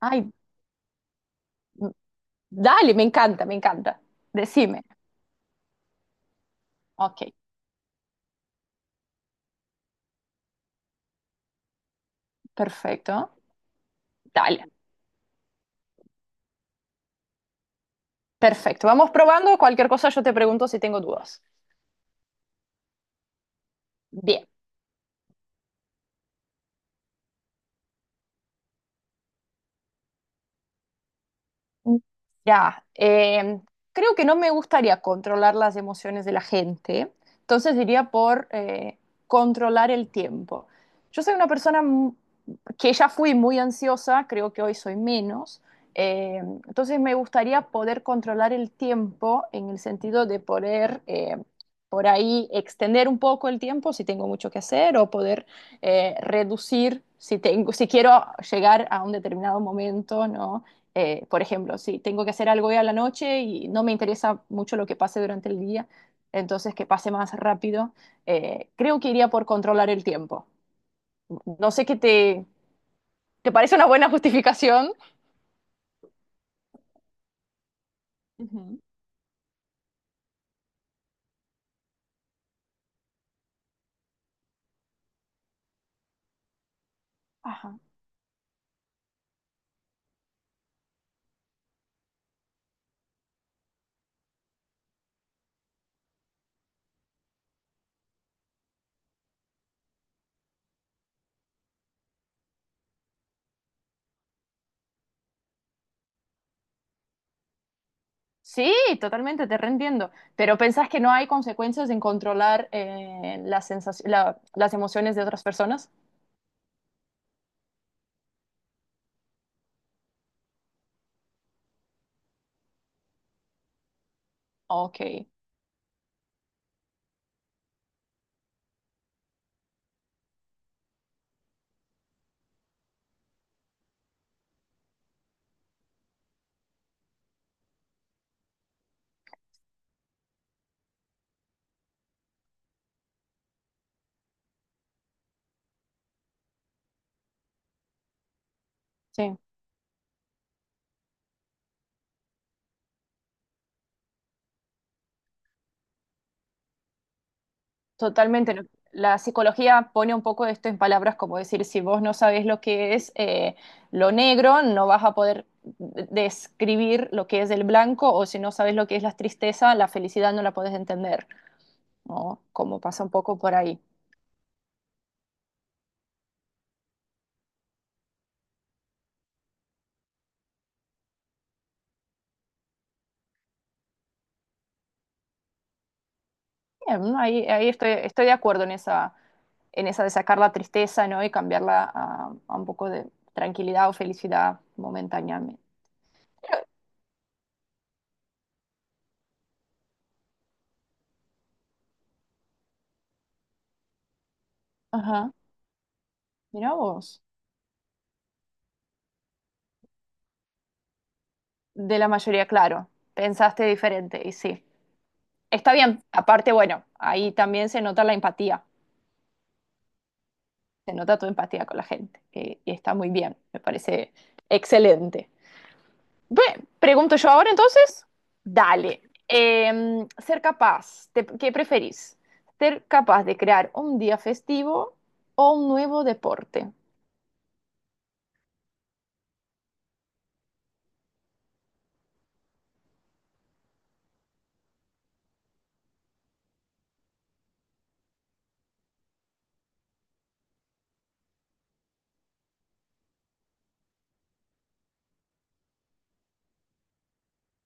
Ay, m- dale, me encanta, me encanta. Decime. Ok, perfecto. Dale, perfecto. Vamos probando. Cualquier cosa yo te pregunto si tengo dudas. Bien. Ya, creo que no me gustaría controlar las emociones de la gente, entonces diría por controlar el tiempo. Yo soy una persona que ya fui muy ansiosa, creo que hoy soy menos, entonces me gustaría poder controlar el tiempo en el sentido de poder por ahí extender un poco el tiempo si tengo mucho que hacer o poder reducir si tengo, si quiero llegar a un determinado momento, ¿no? Por ejemplo, si tengo que hacer algo hoy a la noche y no me interesa mucho lo que pase durante el día, entonces que pase más rápido, creo que iría por controlar el tiempo. No sé qué te, ¿te parece una buena justificación? Ujú. Ajá. Sí, totalmente, te reentiendo. ¿Pero pensás que no hay consecuencias en controlar las las emociones de otras personas? Ok, sí. Totalmente. La psicología pone un poco esto en palabras, como decir, si vos no sabés lo que es lo negro, no vas a poder describir lo que es el blanco, o si no sabes lo que es la tristeza, la felicidad no la podés entender, ¿no? Como pasa un poco por ahí. Bien, ¿no? Ahí, ahí estoy, estoy de acuerdo en esa de sacar la tristeza, ¿no? Y cambiarla a un poco de tranquilidad o felicidad momentáneamente. Pero, ajá, mira vos. De la mayoría, claro. Pensaste diferente, y sí. Está bien, aparte, bueno, ahí también se nota la empatía, se nota tu empatía con la gente, que está muy bien, me parece excelente. Ve, pregunto yo ahora entonces, dale, ser capaz, te- ¿qué preferís? ¿Ser capaz de crear un día festivo o un nuevo deporte?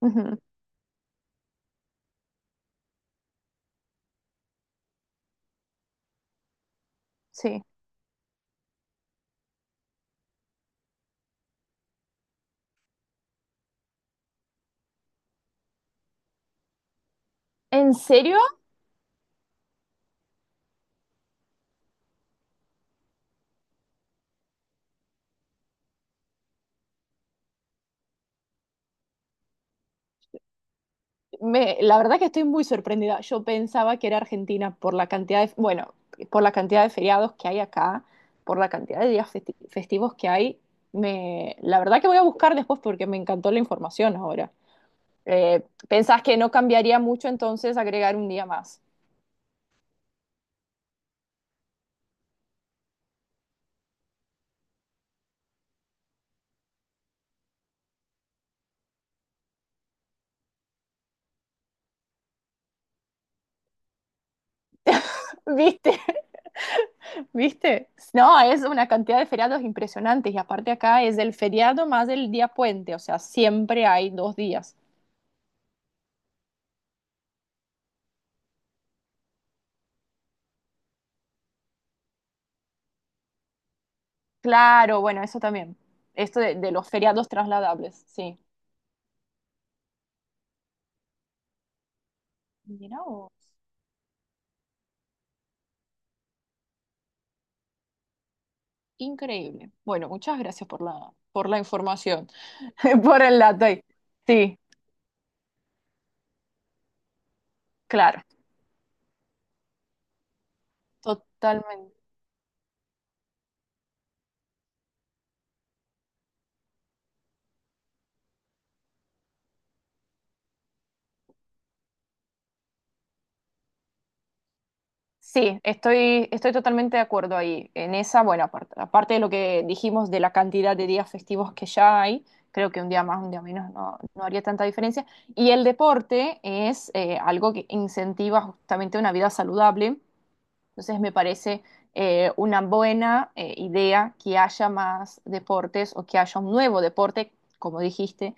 Ujú, sí. ¿En serio? Me, la verdad que estoy muy sorprendida. Yo pensaba que era Argentina por la cantidad de, bueno, por la cantidad de feriados que hay acá, por la cantidad de días festivos que hay. Me, la verdad que voy a buscar después porque me encantó la información ahora. Eh, ¿Pensás que no cambiaría mucho entonces agregar un día más? ¿Viste? ¿Viste? No, es una cantidad de feriados impresionantes y aparte acá es el feriado más el día puente, o sea, siempre hay dos días. Claro, bueno, eso también. Esto de los feriados trasladables, sí. Mira vos, increíble. Bueno, muchas gracias por la información, por el dato ahí. Sí, claro, totalmente. Sí, estoy, estoy totalmente de acuerdo ahí. En esa, bueno, aparte, aparte de lo que dijimos de la cantidad de días festivos que ya hay, creo que un día más, un día menos no, no haría tanta diferencia. Y el deporte es algo que incentiva justamente una vida saludable. Entonces me parece una buena idea que haya más deportes o que haya un nuevo deporte, como dijiste,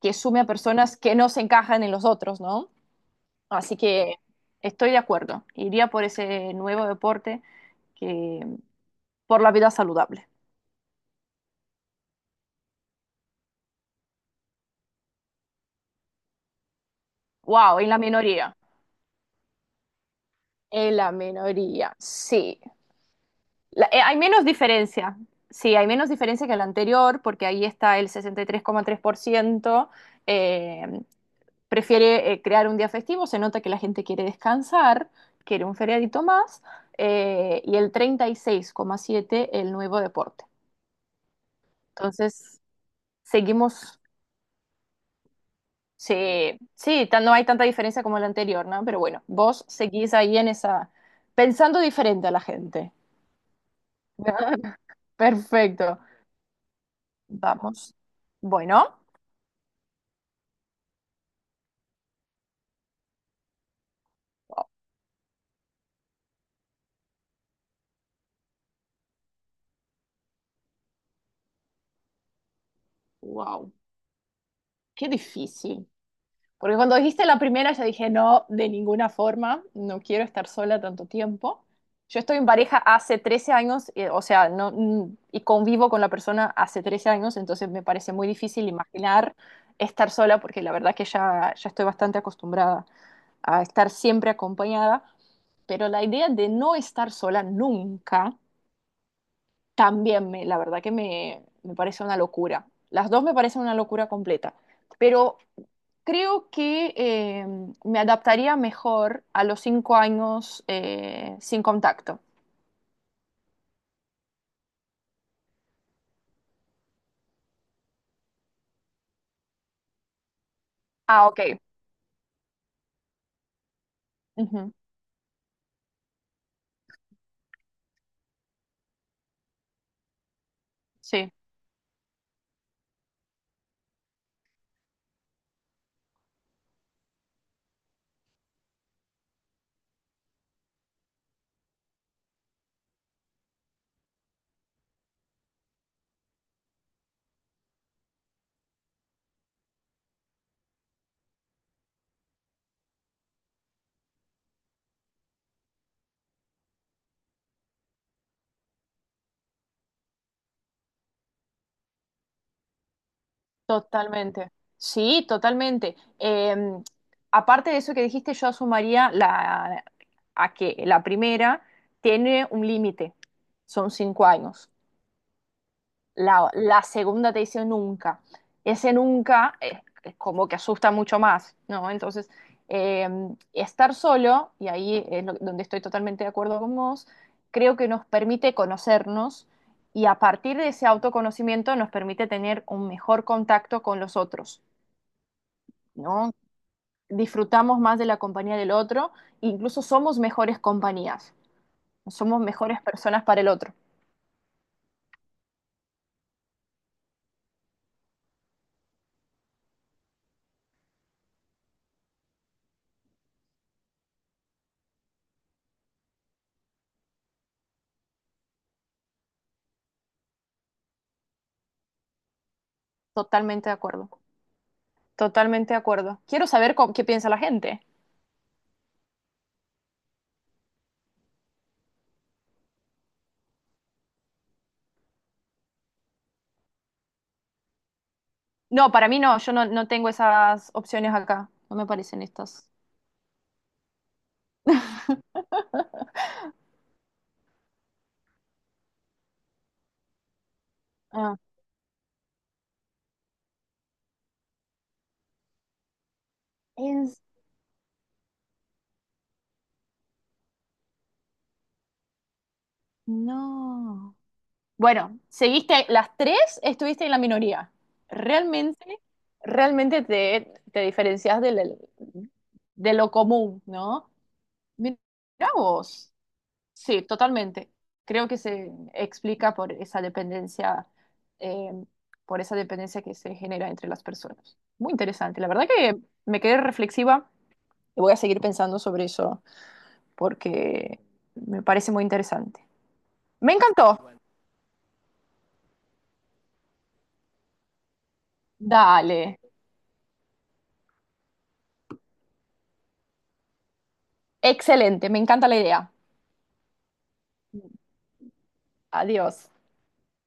que sume a personas que no se encajan en los otros, ¿no? Así que estoy de acuerdo. Iría por ese nuevo deporte que por la vida saludable. Wow, en la minoría. En la minoría, sí. Hay menos diferencia. Sí, hay menos diferencia que el anterior porque ahí está el 63,3% prefiere crear un día festivo, se nota que la gente quiere descansar, quiere un feriadito más, y el 36,7 el nuevo deporte. Entonces, seguimos, sí, sí, no hay tanta diferencia como el anterior, ¿no? Pero bueno, vos seguís ahí en esa, pensando diferente a la gente. Perfecto, vamos. Bueno, wow, qué difícil. Porque cuando dijiste la primera, yo dije, no, de ninguna forma, no quiero estar sola tanto tiempo. Yo estoy en pareja hace 13 años, o sea, no, mm, y convivo con la persona hace 13 años, entonces me parece muy difícil imaginar estar sola, porque la verdad que ya, ya estoy bastante acostumbrada a estar siempre acompañada, pero la idea de no estar sola nunca también me, la verdad que me parece una locura. Las dos me parecen una locura completa. Pero creo que me adaptaría mejor a los 5 años sin contacto. Ah, ok. Ujú, sí, totalmente. Sí, totalmente. Aparte de eso que dijiste, yo asumiría la, a que la primera tiene un límite, son 5 años. La, la segunda te dice nunca. Ese nunca es, es como que asusta mucho más, ¿no? Entonces, eh, estar solo, y ahí es donde estoy totalmente de acuerdo con vos, creo que nos permite conocernos y a partir de ese autoconocimiento nos permite tener un mejor contacto con los otros, ¿no? Disfrutamos más de la compañía del otro, incluso somos mejores compañías, somos mejores personas para el otro. Totalmente de acuerdo. Totalmente de acuerdo. Quiero saber cómo- qué piensa la gente. No, para mí no, yo no, no tengo esas opciones acá. No me parecen estas. Ah, es- no. Bueno, seguiste las tres, estuviste en la minoría. Realmente, realmente te, te diferencias del, de lo común, ¿no? Mira vos. Sí, totalmente. Creo que se explica eh, por esa dependencia que se genera entre las personas. Muy interesante. La verdad que me quedé reflexiva voy a seguir pensando sobre eso porque me parece muy interesante. Me encantó. Dale. Excelente, me encanta la idea. Adiós.